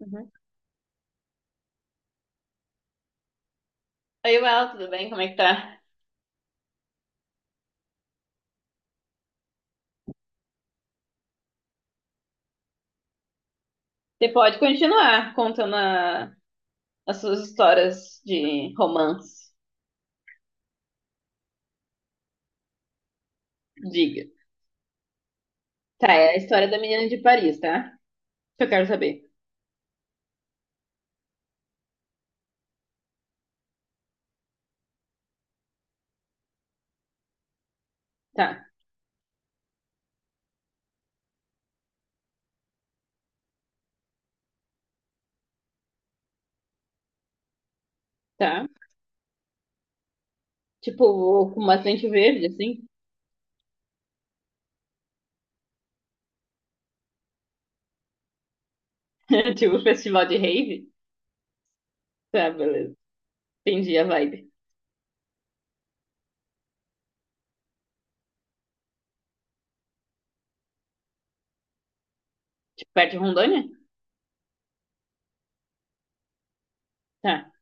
Uhum. Oi, Well, tudo bem? Como é que tá? Você pode continuar contando as suas histórias de romance. Diga. Tá, é a história da menina de Paris, tá? Que eu quero saber. Tá, tá. Tipo, com bastante verde, assim. Tipo, festival de rave. Tá, beleza. Entendi a vibe. Tipo, perto de Rondônia? Tá.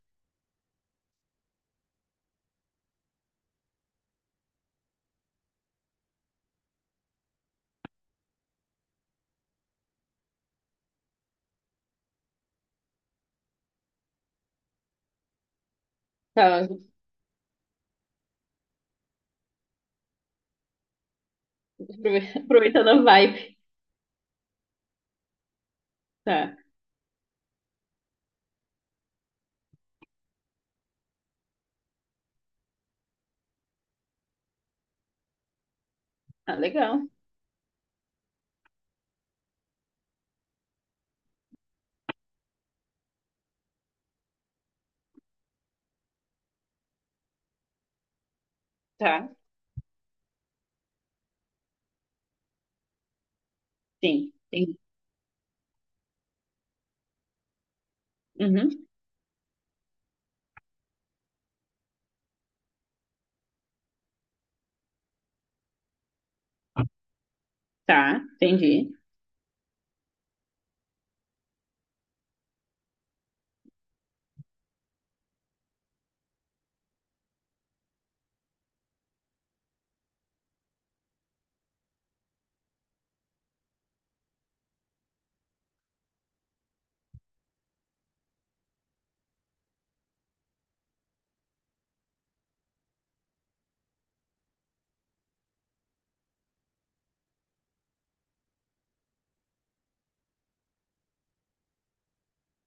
Tá, aprove- aproveitando a vibe. Tá. Ah, legal. Tá, sim. Entendi. Uhum. Tá, entendi.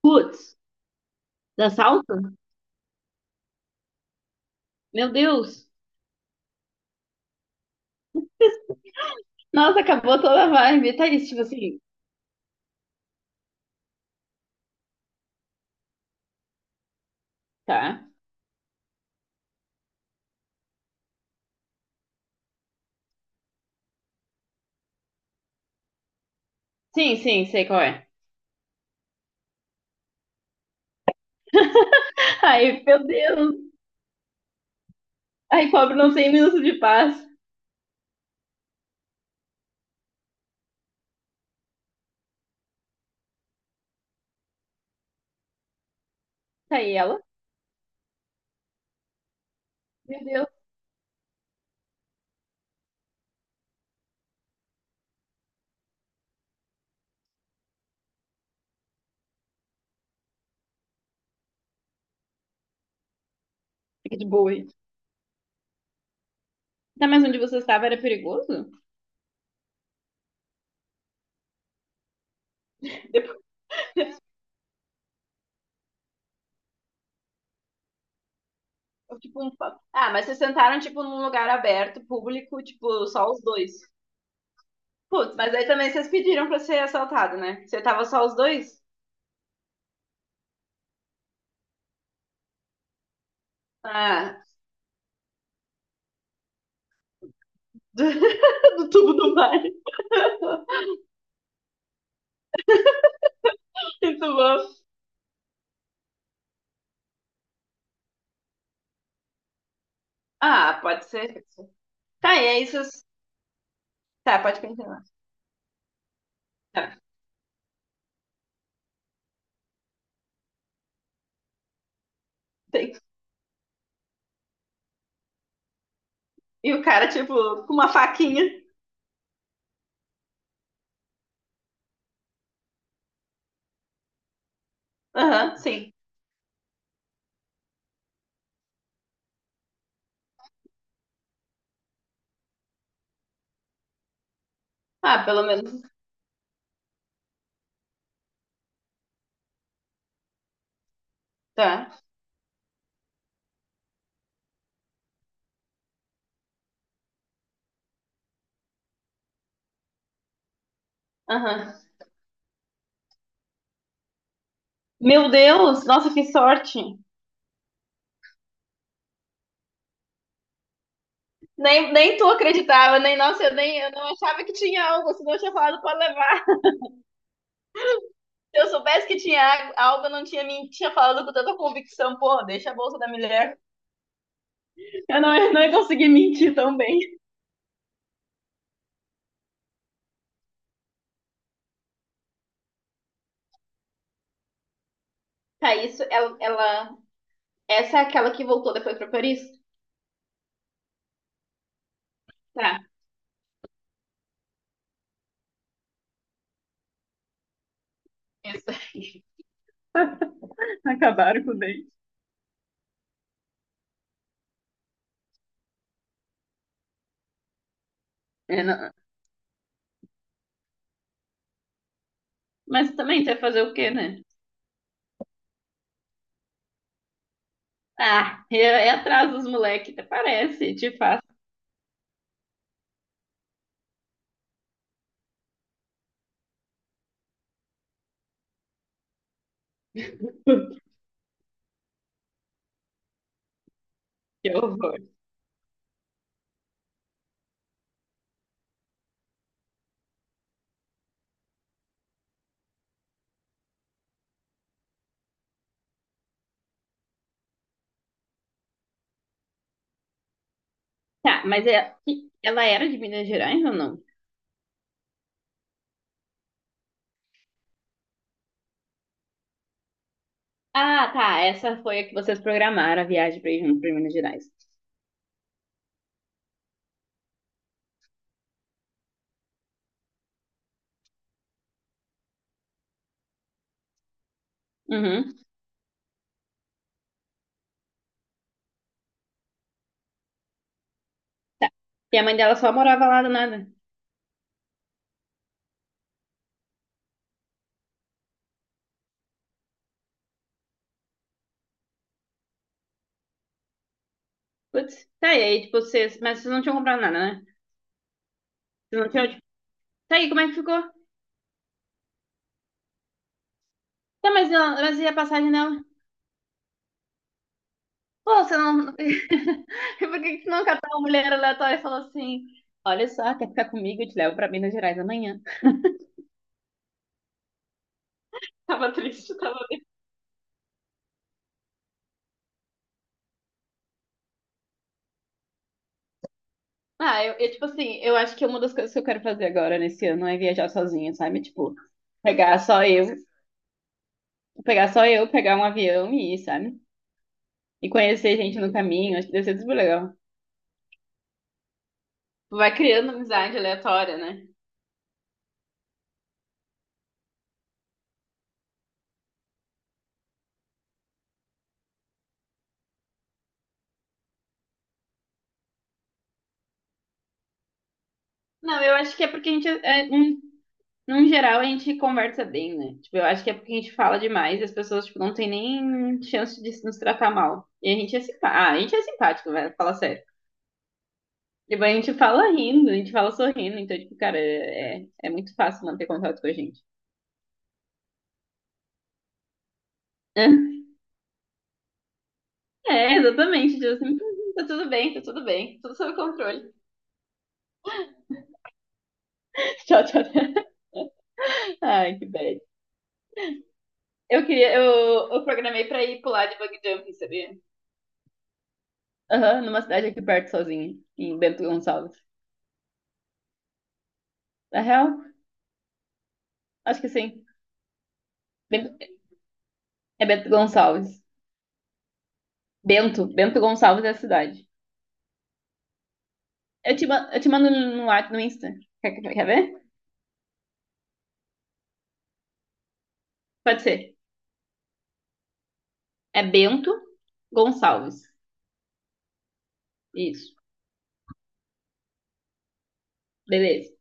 Putz, dá salto? Meu Deus. Nossa, acabou toda a vibe. Tá, isso, tipo assim, tá. Sim, sim, sei qual é. Ai, meu Deus. Ai, pobre, não tem minuto de paz. Tá, aí ela. Meu Deus. Fica de boa aí. Tá, mas onde você estava era perigoso? Depois, tipo, ah, mas vocês sentaram, tipo, num lugar aberto, público, tipo, só os dois. Putz, mas aí também vocês pediram pra ser assaltado, né? Você tava só os dois? Ah, do, tubo do mar. Muito bom. Ah, pode ser. Tá, e aí vocês. Tá, pode continuar. Tá, tem- E o cara, tipo, com uma faquinha. Aham, sim. Ah, pelo menos. Tá. Aham. Meu Deus, nossa, que sorte. Nem, nem tu acreditava, nem, nossa, eu não achava que tinha algo, senão eu tinha falado pode levar. Se eu soubesse que tinha algo, eu não tinha, men- tinha falado com tanta convicção, pô, deixa a bolsa da mulher. Eu não ia conseguir mentir tão bem. Tá, isso, essa é aquela que voltou depois pra Paris? Tá, essa. Acabaram com o dente. É, não. Mas também você vai fazer o quê, né? Ah, é, é atrás dos moleques, até parece, te faço. Que horror. Tá, mas é, ela era de Minas Gerais ou não? Ah, tá, essa foi a que vocês programaram a viagem pra ir junto pra Minas Gerais. Uhum, tá. E a mãe dela só morava lá do nada. Putz, tá, e aí, tipo, vocês. Mas vocês não tinham comprado nada, né? Vocês não tinham, tipo, tá, aí, como é que ficou? Tá, mas, mas e a passagem dela? Pô, você não. Por que que você não catou uma mulher aleatória e falou assim? Olha só, quer ficar comigo? Eu te levo pra Minas Gerais amanhã. Tava triste, tava. Ah, tipo assim, eu acho que uma das coisas que eu quero fazer agora nesse ano é viajar sozinha, sabe? Tipo, pegar só eu, pegar só eu, pegar um avião e ir, sabe? E conhecer gente no caminho, acho que deve ser super legal. Vai criando amizade aleatória, né? Não, eu acho que é porque a gente, é, num, num geral, a gente conversa bem, né? Tipo, eu acho que é porque a gente fala demais e as pessoas, tipo, não tem nem chance de se nos tratar mal. E a gente é simpático. Ah, a gente é simpático, velho, fala sério. Tipo, a gente fala rindo, a gente fala sorrindo, então, tipo, cara, é muito fácil manter contato com a gente. É, exatamente, tipo assim, tá tudo bem, tudo sob controle. Tchau, tchau. Ai, que bad. Eu queria, eu programei pra ir pular de bug jumping, sabia? Aham, numa cidade aqui perto sozinha, em Bento Gonçalves. Na real, acho que sim. Bento- é Bento Gonçalves. Bento Gonçalves é a cidade. Eu te, eu te mando no, Whats- no Insta. Quer ver? Pode ser. É Bento Gonçalves. Isso. Beleza.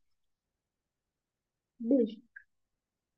Beijo.